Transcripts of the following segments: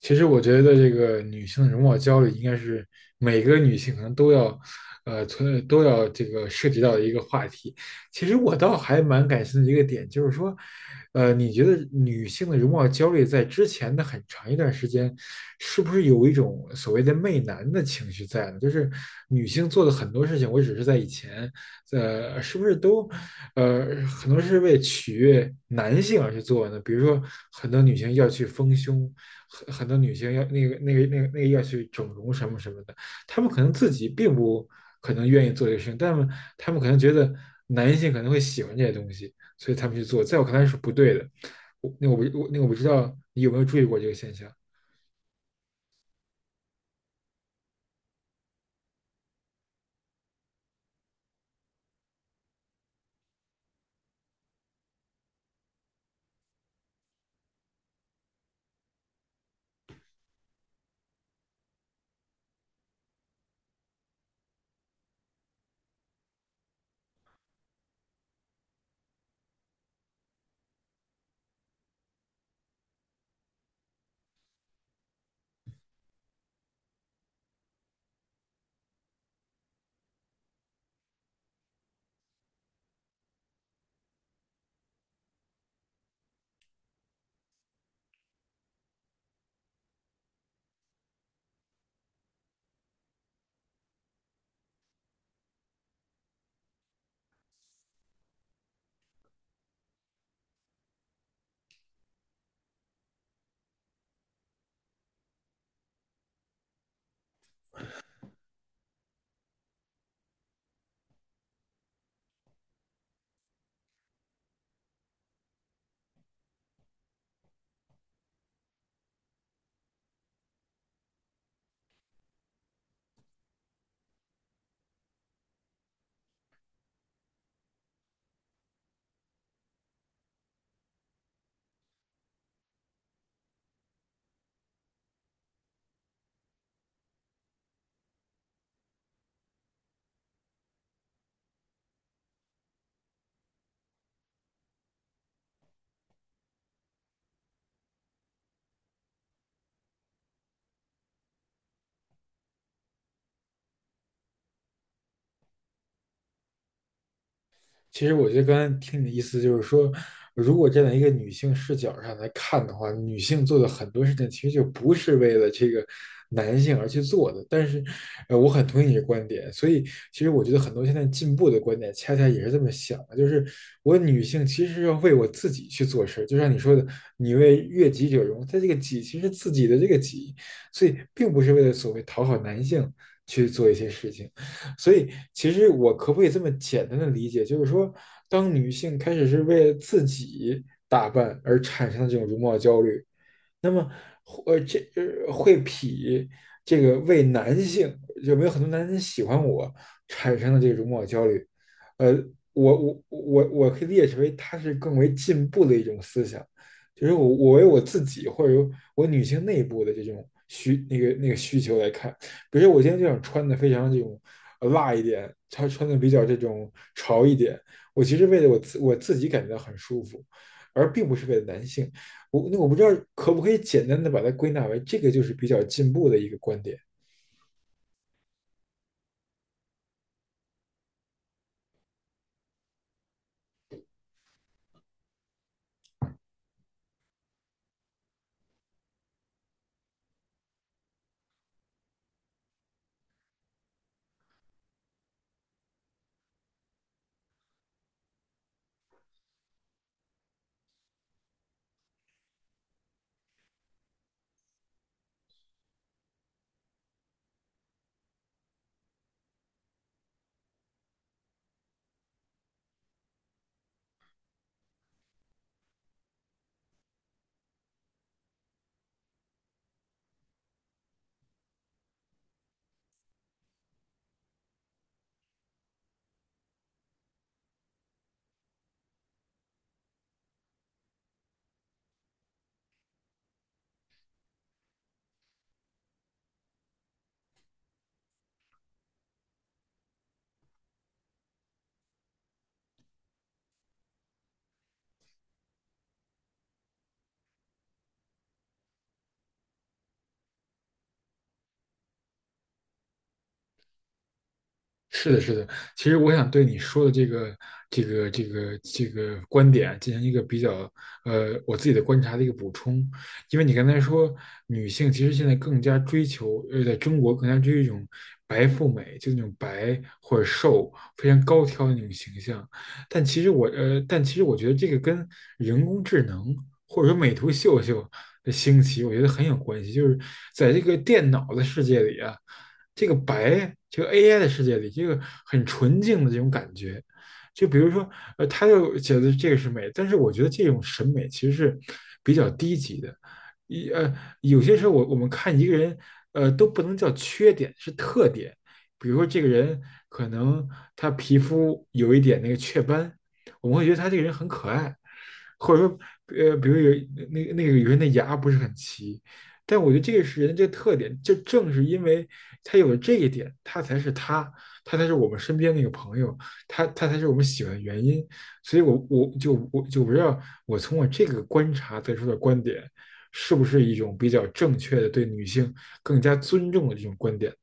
其实我觉得这个女性的容貌焦虑应该是每个女性可能都要，都要这个涉及到的一个话题。其实我倒还蛮感兴趣的一个点，就是说，你觉得女性的容貌焦虑在之前的很长一段时间，是不是有一种所谓的媚男的情绪在呢？就是女性做的很多事情，我只是在以前，是不是都，很多是为取悦男性而去做呢？比如说，很多女性要去丰胸。很多女性要那个要去整容什么什么的，她们可能自己并不可能愿意做这个事情，但是她们可能觉得男性可能会喜欢这些东西，所以他们去做，在我看来是不对的。我那个我我那个我不知道你有没有注意过这个现象？其实我觉得刚才听你的意思就是说，如果站在一个女性视角上来看的话，女性做的很多事情其实就不是为了这个男性而去做的。但是，我很同意你的观点，所以其实我觉得很多现在进步的观点恰恰也是这么想的，就是我女性其实要为我自己去做事，就像你说的，你为悦己者容，她这个己其实自己的这个己，所以并不是为了所谓讨好男性去做一些事情。所以，其实我可不可以这么简单的理解，就是说，当女性开始是为了自己打扮而产生的这种容貌焦虑，那么，呃，这会比这个为男性有没有很多男人喜欢我产生的这种容貌焦虑，呃，我可以列解成为它是更为进步的一种思想，就是我为我自己或者我女性内部的这种需那个那个需求来看，比如说我今天就想穿的非常这种辣一点，她穿的比较这种潮一点，我其实为了我自己感觉到很舒服，而并不是为了男性。我不知道可不可以简单的把它归纳为这个就是比较进步的一个观点，是的，是的。其实我想对你说的这个观点进行一个比较，我自己的观察的一个补充。因为你刚才说，女性其实现在更加追求，在中国更加追求一种白富美，就那种白或者瘦、非常高挑的那种形象。但其实我觉得这个跟人工智能或者说美图秀秀的兴起，我觉得很有关系。就是在这个电脑的世界里啊。这个白，这个 AI 的世界里，这个很纯净的这种感觉。就比如说，他就觉得这个是美，但是我觉得这种审美其实是比较低级的。一呃，有些时候我们看一个人，都不能叫缺点，是特点。比如说这个人可能他皮肤有一点那个雀斑，我们会觉得他这个人很可爱，或者说，比如有那个有人的牙不是很齐，但我觉得这个是人的这个特点，就正是因为他有了这一点，他才是他，他才是我们身边那个朋友，他才是我们喜欢的原因。所以我，我就不知道，我从我这个观察得出的观点，是不是一种比较正确的对女性更加尊重的这种观点？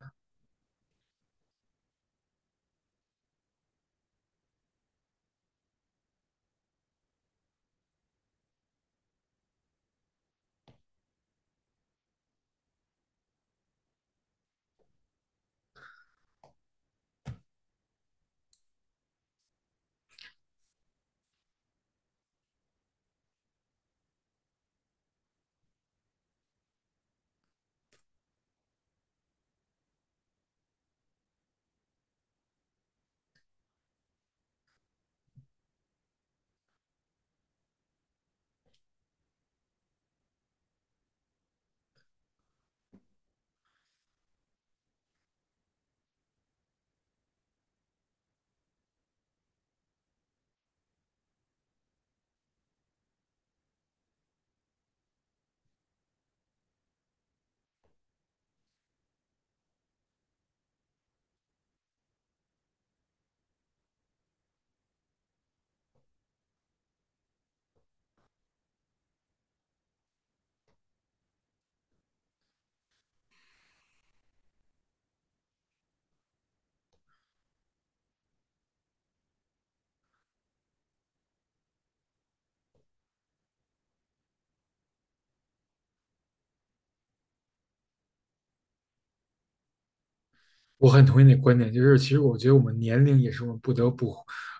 我很同意你的观点，就是其实我觉得我们年龄也是我们不得不，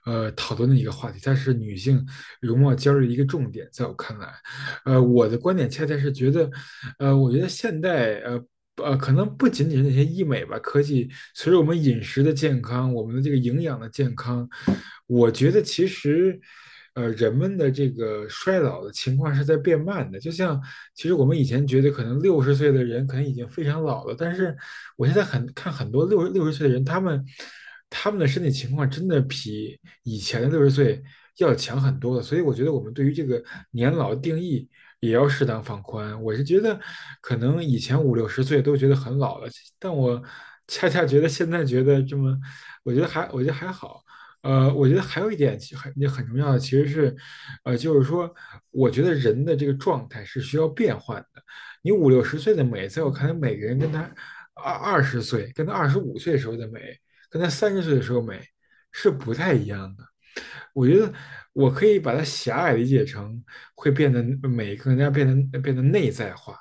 讨论的一个话题，它是女性容貌焦虑的一个重点，在我看来，我的观点恰恰是觉得，我觉得现代可能不仅仅是那些医美吧，科技随着我们饮食的健康，我们的这个营养的健康，我觉得其实，人们的这个衰老的情况是在变慢的。就像其实我们以前觉得可能六十岁的人可能已经非常老了，但是我现在很看很多六十岁的人，他们的身体情况真的比以前的六十岁要强很多了，所以我觉得我们对于这个年老定义也要适当放宽。我是觉得，可能以前五六十岁都觉得很老了，但我恰恰觉得现在觉得这么，我觉得还好。我觉得还有一点其实很也很重要的，其实是，呃，就是说，我觉得人的这个状态是需要变换的。你五六十岁的美，在我看来，每个人跟他二十岁、跟他二十五岁时候的美跟她三十岁的时候美是不太一样的。我觉得我可以把它狭隘理解成会变得美更加变得内在化，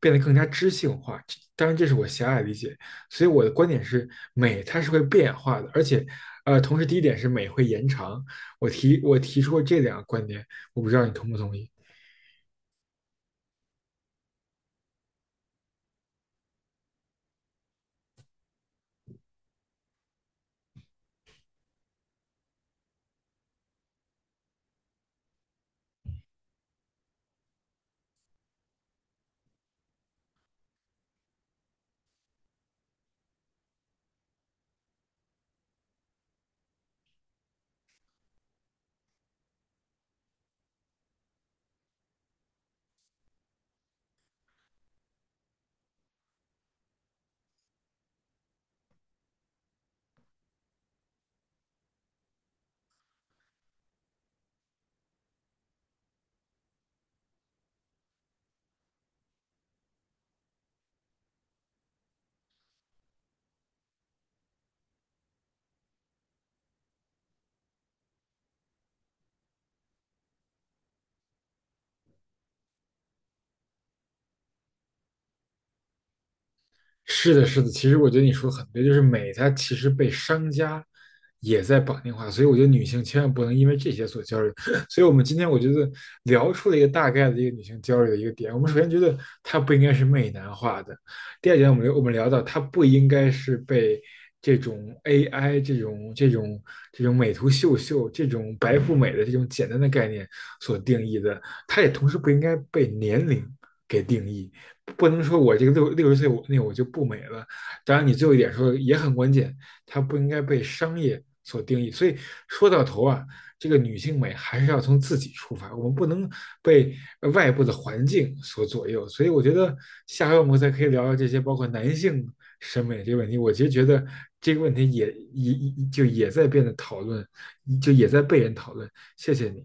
变得更加知性化。当然，这是我狭隘理解。所以我的观点是，美它是会变化的，而且，同时第一点是美会延长。我提出过这两个观点，我不知道你同不同意。是的，是的，其实我觉得你说的很对，就是美它其实被商家也在绑定化，所以我觉得女性千万不能因为这些所焦虑。所以我们今天我觉得聊出了一个大概的一个女性焦虑的一个点。我们首先觉得它不应该是媚男化的，第二点我们聊到它不应该是被这种 AI 这种美图秀秀这种白富美的这种简单的概念所定义的，它也同时不应该被年龄给定义。不能说我这个六十岁我就不美了。当然，你最后一点说也很关键，它不应该被商业所定义。所以说到头啊，这个女性美还是要从自己出发，我们不能被外部的环境所左右。所以我觉得下回我们再可以聊聊这些，包括男性审美这个问题。我其实觉得这个问题也在变得讨论，就也在被人讨论。谢谢你。